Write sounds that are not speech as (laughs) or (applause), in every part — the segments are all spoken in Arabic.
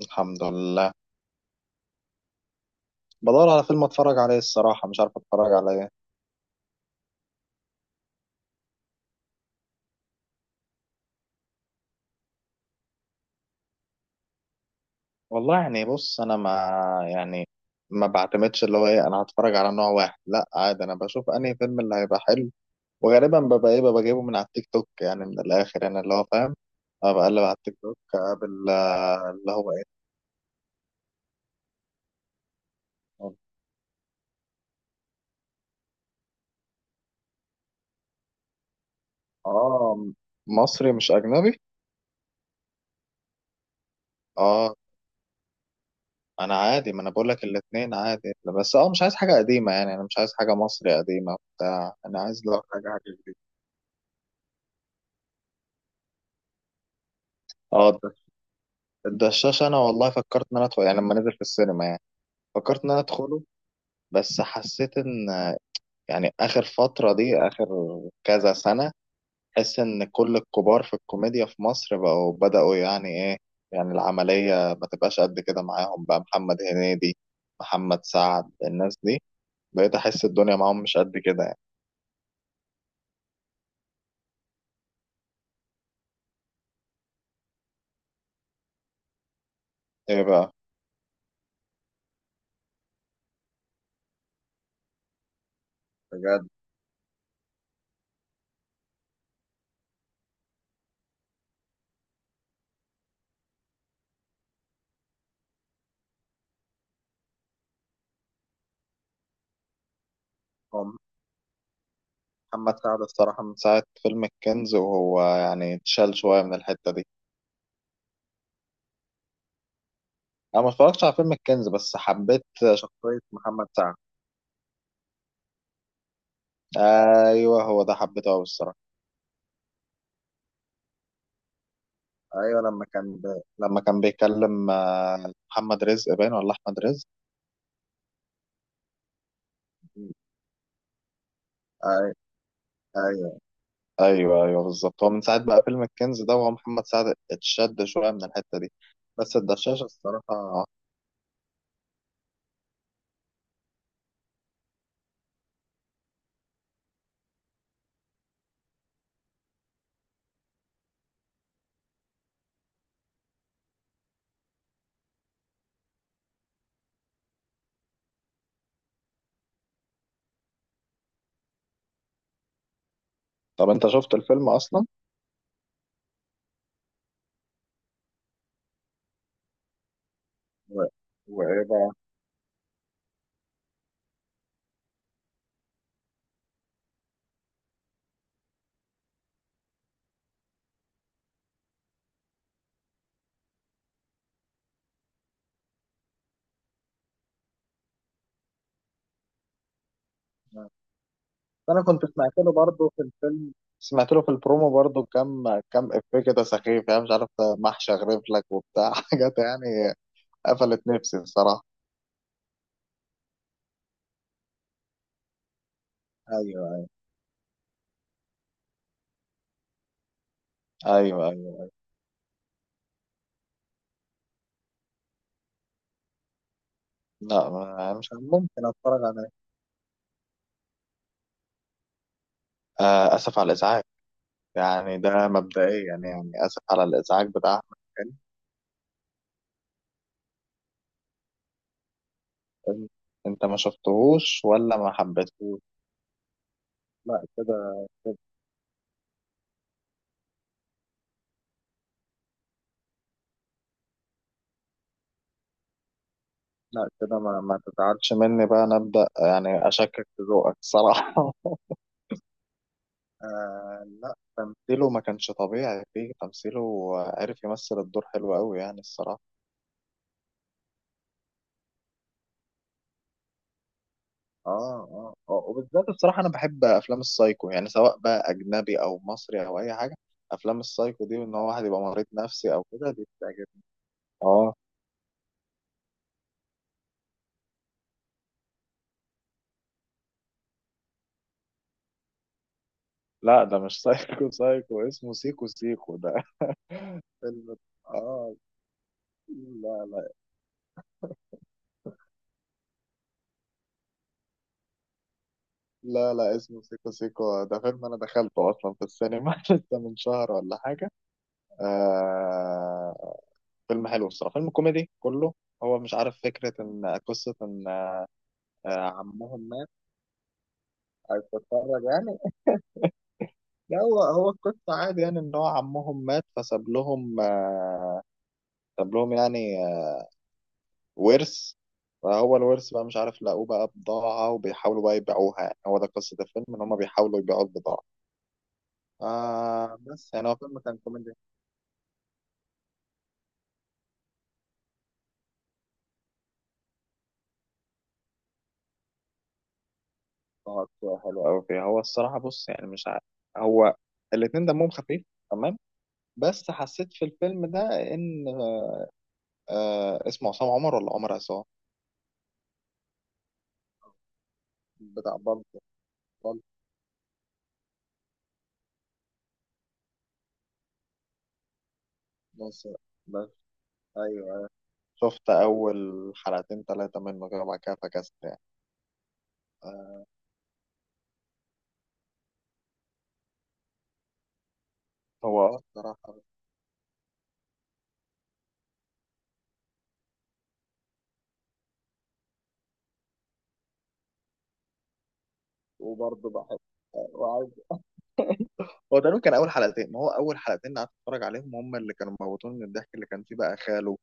الحمد لله. بدور على فيلم اتفرج عليه، الصراحة مش عارف اتفرج على ايه. والله، يعني بص انا ما، يعني ما بعتمدش اللي هو ايه. انا هتفرج على نوع واحد؟ لا، عادي، انا بشوف انهي فيلم اللي هيبقى حلو. وغالبا ببقى جايبه من على التيك توك، يعني من الاخر، يعني اللي هو فاهم. أنا بقلب على التيك توك اقابل اللي هو ايه. اه، مصري مش اجنبي. اه، انا عادي، ما انا بقول لك الاثنين عادي. بس مش عايز حاجة قديمة، يعني انا مش عايز حاجة مصري قديمة بتاع، انا عايز لو حاجة حاجة جديدة. اه، الدشاش انا والله فكرت ان انا ادخل يعني لما نزل في السينما يعني، فكرت ان انا ادخله، بس حسيت ان، يعني اخر فترة دي، اخر كذا سنة، حس ان كل الكبار في الكوميديا في مصر بقوا بدأوا يعني ايه، يعني العملية ما تبقاش قد كده معاهم. بقى محمد هنيدي محمد سعد الناس دي، بقيت احس الدنيا معاهم مش قد كده يعني. ايه بقى؟ بجد. هم. محمد سعد الصراحة من ساعة فيلم الكنز وهو يعني اتشال شوية من الحتة دي. انا ما اتفرجتش على فيلم الكنز، بس حبيت شخصية محمد سعد. ايوه، هو ده حبيته قوي الصراحة. ايوه، لما كان بيكلم محمد رزق باين ولا احمد رزق. أي- ايوه، ايوه، ايوه، بالظبط. هو من ساعة بقى فيلم الكنز ده وهو محمد سعد اتشد شوية من الحتة دي، بس الدشاشة الصراحة. طب انت شفت الفيلم اصلا؟ و... وايه بقى؟ انا كنت سمعت له برضه في الفيلم، سمعت له في البرومو برضه كام كام افيه كده سخيف، يعني مش عارف، ده محشي اغرف لك وبتاع (laughs) حاجات يعني. قفلت نفسي الصراحه. ايوه، ايوه، ايوه، لا، مش ممكن اتفرج عليه. آه، اسف على الازعاج، يعني ده مبدئيا، يعني اسف على الازعاج بتاع احمد حلمي. فيلم، انت ما شفتهوش ولا ما حبيتهوش؟ لا، كده- لا كده، ما تزعلش مني بقى، انا ابدا يعني اشكك في ذوقك الصراحه. (laughs) آه لا، تمثيله ما كانش طبيعي فيه، تمثيله عارف يمثل الدور حلو قوي يعني الصراحة. اه، اه، اه، وبالذات الصراحة أنا بحب أفلام السايكو، يعني سواء بقى أجنبي أو مصري أو أي حاجة. أفلام السايكو دي، وإن هو واحد يبقى مريض نفسي أو كده، دي بتعجبني. اه، لا ده مش سايكو سايكو، اسمه سيكو سيكو ده فيلم. اه، لا، لا، لا، لا، اسمه سيكو سيكو، ده فيلم أنا دخلته أصلا في السينما (laughs) لسه من شهر ولا حاجة. آه، فيلم حلو الصراحة، فيلم كوميدي كله. هو مش عارف، فكرة إن قصة إن عمهم مات. عايز تتفرج يعني؟ لا، هو هو القصة عادي، يعني إن هو عمهم مات فساب لهم ساب لهم يعني ورث، فهو الورث بقى مش عارف لاقوه بقى بضاعة وبيحاولوا بقى يبيعوها، يعني هو ده قصة الفيلم، إن هما بيحاولوا يبيعوا البضاعة. آه، بس يعني هو فيلم كان كوميدي. آه، حلو أوي فيه، هو الصراحة بص يعني مش عارف. هو الاتنين دمهم خفيف، تمام، بس حسيت في الفيلم ده ان اسمه عصام عمر ولا عمر عصام. بتاع بالطو. بالطو ناصر. بس، ايوه، أيوه. شفت اول حلقتين ثلاثه منه كده وبعد كده فكست يعني. آه هو الصراحه، وبرضه بحب وعايز. هو تقريبا كان اول حلقتين، هو اول حلقتين قعدت اتفرج عليهم هم اللي كانوا موتوني من الضحك، اللي كان فيه بقى خاله،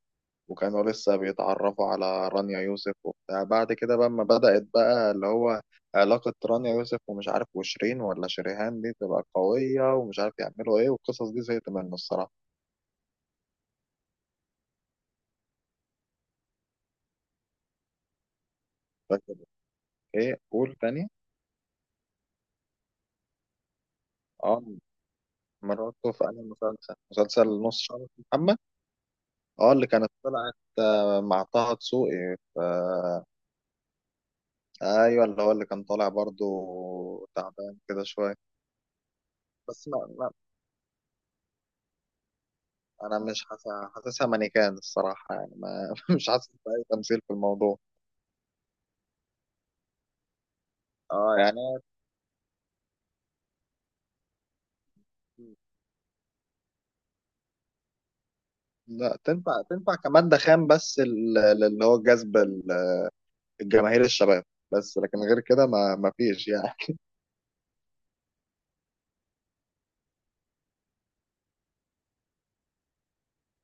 وكانوا لسه بيتعرفوا على رانيا يوسف وبتاع. بعد كده بقى ما بدأت بقى اللي هو علاقة رانيا يوسف ومش عارف وشيرين ولا شريهان، دي تبقى قوية ومش عارف يعملوا ايه، والقصص دي زهقت منه الصراحة. فاكر؟ ايه؟ قول تاني. اه، مرته في انهي مسلسل نص شعر محمد. اه، اللي كانت طلعت مع طه دسوقي ايوه، اللي هو اللي كان طالع برضو تعبان كده شويه. بس ما، انا مش حاسس، حاسسها مانيكان الصراحه، يعني ما (laughs) مش حاسس باي تمثيل في الموضوع. اه، يعني لا، تنفع تنفع كمادة خام، بس اللي هو جذب الجماهير الشباب، بس لكن غير كده ما فيش يعني.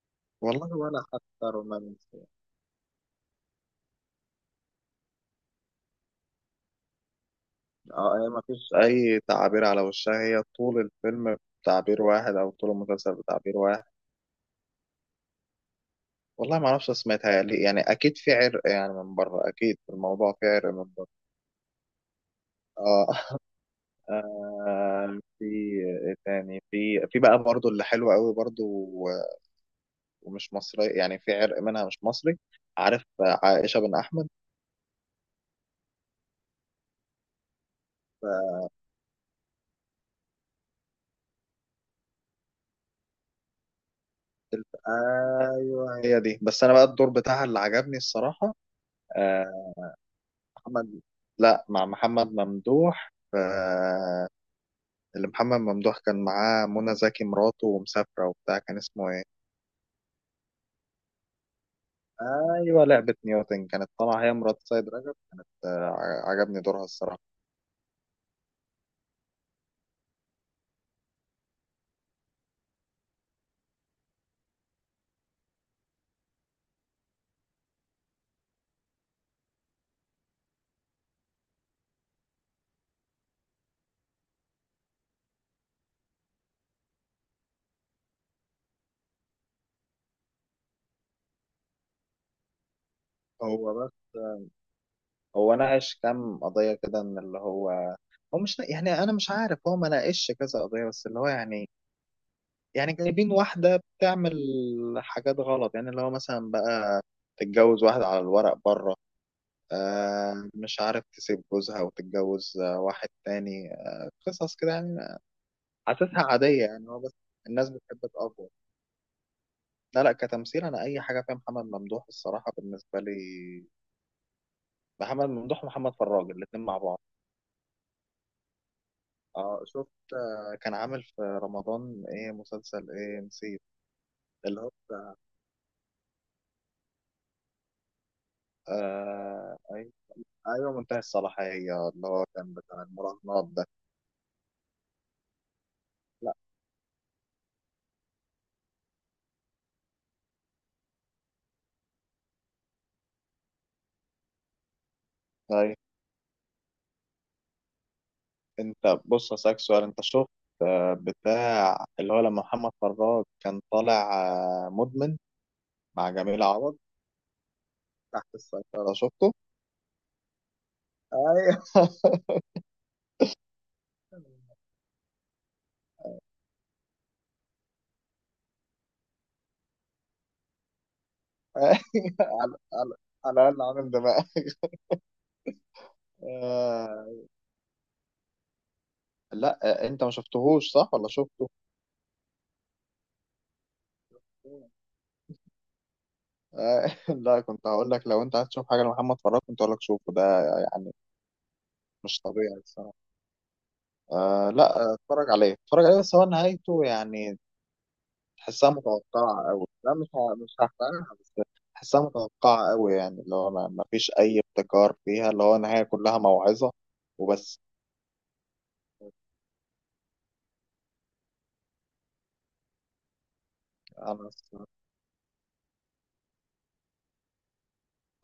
(laughs) والله، ولا حتى رومانسي. اه، هي مفيش اي تعابير على وشها، هي طول الفيلم بتعبير واحد او طول المسلسل بتعبير واحد. والله ما اعرفش سمعتها ليه، يعني اكيد في عرق يعني من بره، اكيد في الموضوع في عرق من بره. اه. (laughs) في إيه تاني؟ في في بقى برضو اللي حلوة قوي برضو ومش مصري، يعني في عرق منها مش مصري. عارف عائشة بن احمد؟ آه، ايوه، هي دي، بس انا بقى الدور بتاعها اللي عجبني الصراحة. آه، محمد لا، مع محمد ممدوح اللي محمد ممدوح كان معاه منى زكي مراته ومسافرة وبتاع، كان اسمه ايه؟ ايوه، لعبة نيوتن، كانت طالعة هي مرات سيد رجب. عجبني دورها الصراحة. هو بس هو ناقش كام قضية كده ان اللي هو، هو مش نا- يعني انا مش عارف، هو ما ناقشش كذا قضية، بس اللي هو يعني جايبين واحدة بتعمل حاجات غلط، يعني اللي هو مثلا بقى تتجوز واحد على الورق بره، مش عارف تسيب جوزها وتتجوز واحد تاني، قصص كده يعني. حاسسها عادية يعني، هو بس الناس بتحب تأفور. لا، لا، كتمثيل أنا أي حاجة فيها محمد ممدوح الصراحة، بالنسبة لي محمد ممدوح ومحمد فراج الاتنين مع بعض. اه شفت، كان عامل في رمضان ايه مسلسل؟ ايه نسيت اللي هو. آه، أيوة، أيوة، منتهي الصلاحية، اللي هو كان بتاع المراهنات ده. لا، آه، انت بص هسألك سؤال، انت شفت بتاع اللي هو لما محمد فراج كان طالع مدمن مع جميل عوض؟ تحت السيطرة شفته؟ ايوه. (laughs) أيوه. على، على الأقل عامل دماغ. آه، لا، انت ما شفتهوش صح ولا شفته؟ آه، (laughs) لا، كنت هقول لك لو انت عايز تشوف حاجة لمحمد فراج كنت هقول لك شوفه ده، يعني مش طبيعي الصراحة. آه لا، اتفرج عليه، اتفرج عليه، بس هو نهايته يعني، تحسها متوقعة أوي. لا، مش هحرقها، بس تحسها متوقعة أوي، يعني اللي هو ما فيش أي ابتكار فيها، اللي هو النهاية كلها موعظة وبس. أنا أصلا،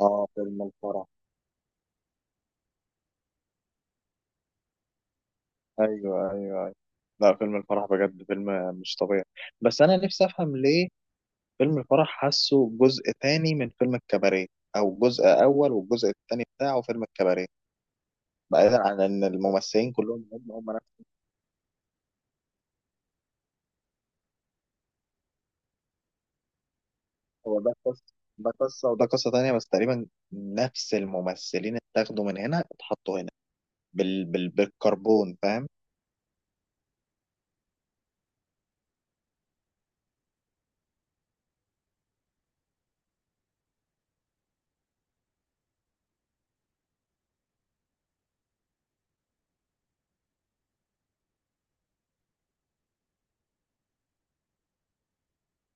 آه، فيلم الفرح، أيوه، أيوه، أيوه، لا فيلم الفرح بجد فيلم مش طبيعي. بس أنا نفسي أفهم ليه فيلم الفرح حاسه جزء تاني من فيلم الكباريه، أو جزء أول والجزء التاني بتاعه فيلم الكباريه، بعيدا عن إن الممثلين كلهم هم هم. هو ده قصة، ده قصة وده قصة تانية، بس تقريبا نفس الممثلين اتاخدوا من هنا اتحطوا هنا بالكربون، فاهم.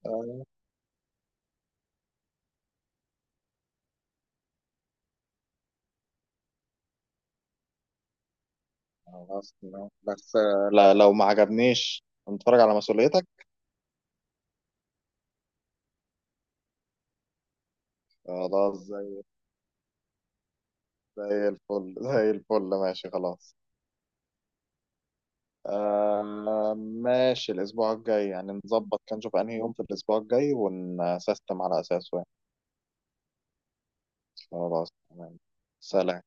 آه، خلاص تمام. بس لا، لو ما عجبنيش نتفرج على مسؤوليتك. خلاص، زي الفل (laughs) زي الفل، ماشي خلاص. آه، ماشي الأسبوع الجاي، يعني نظبط كده، نشوف أنهي يوم في الأسبوع الجاي ونسيستم على أساسه يعني. خلاص تمام. سلام.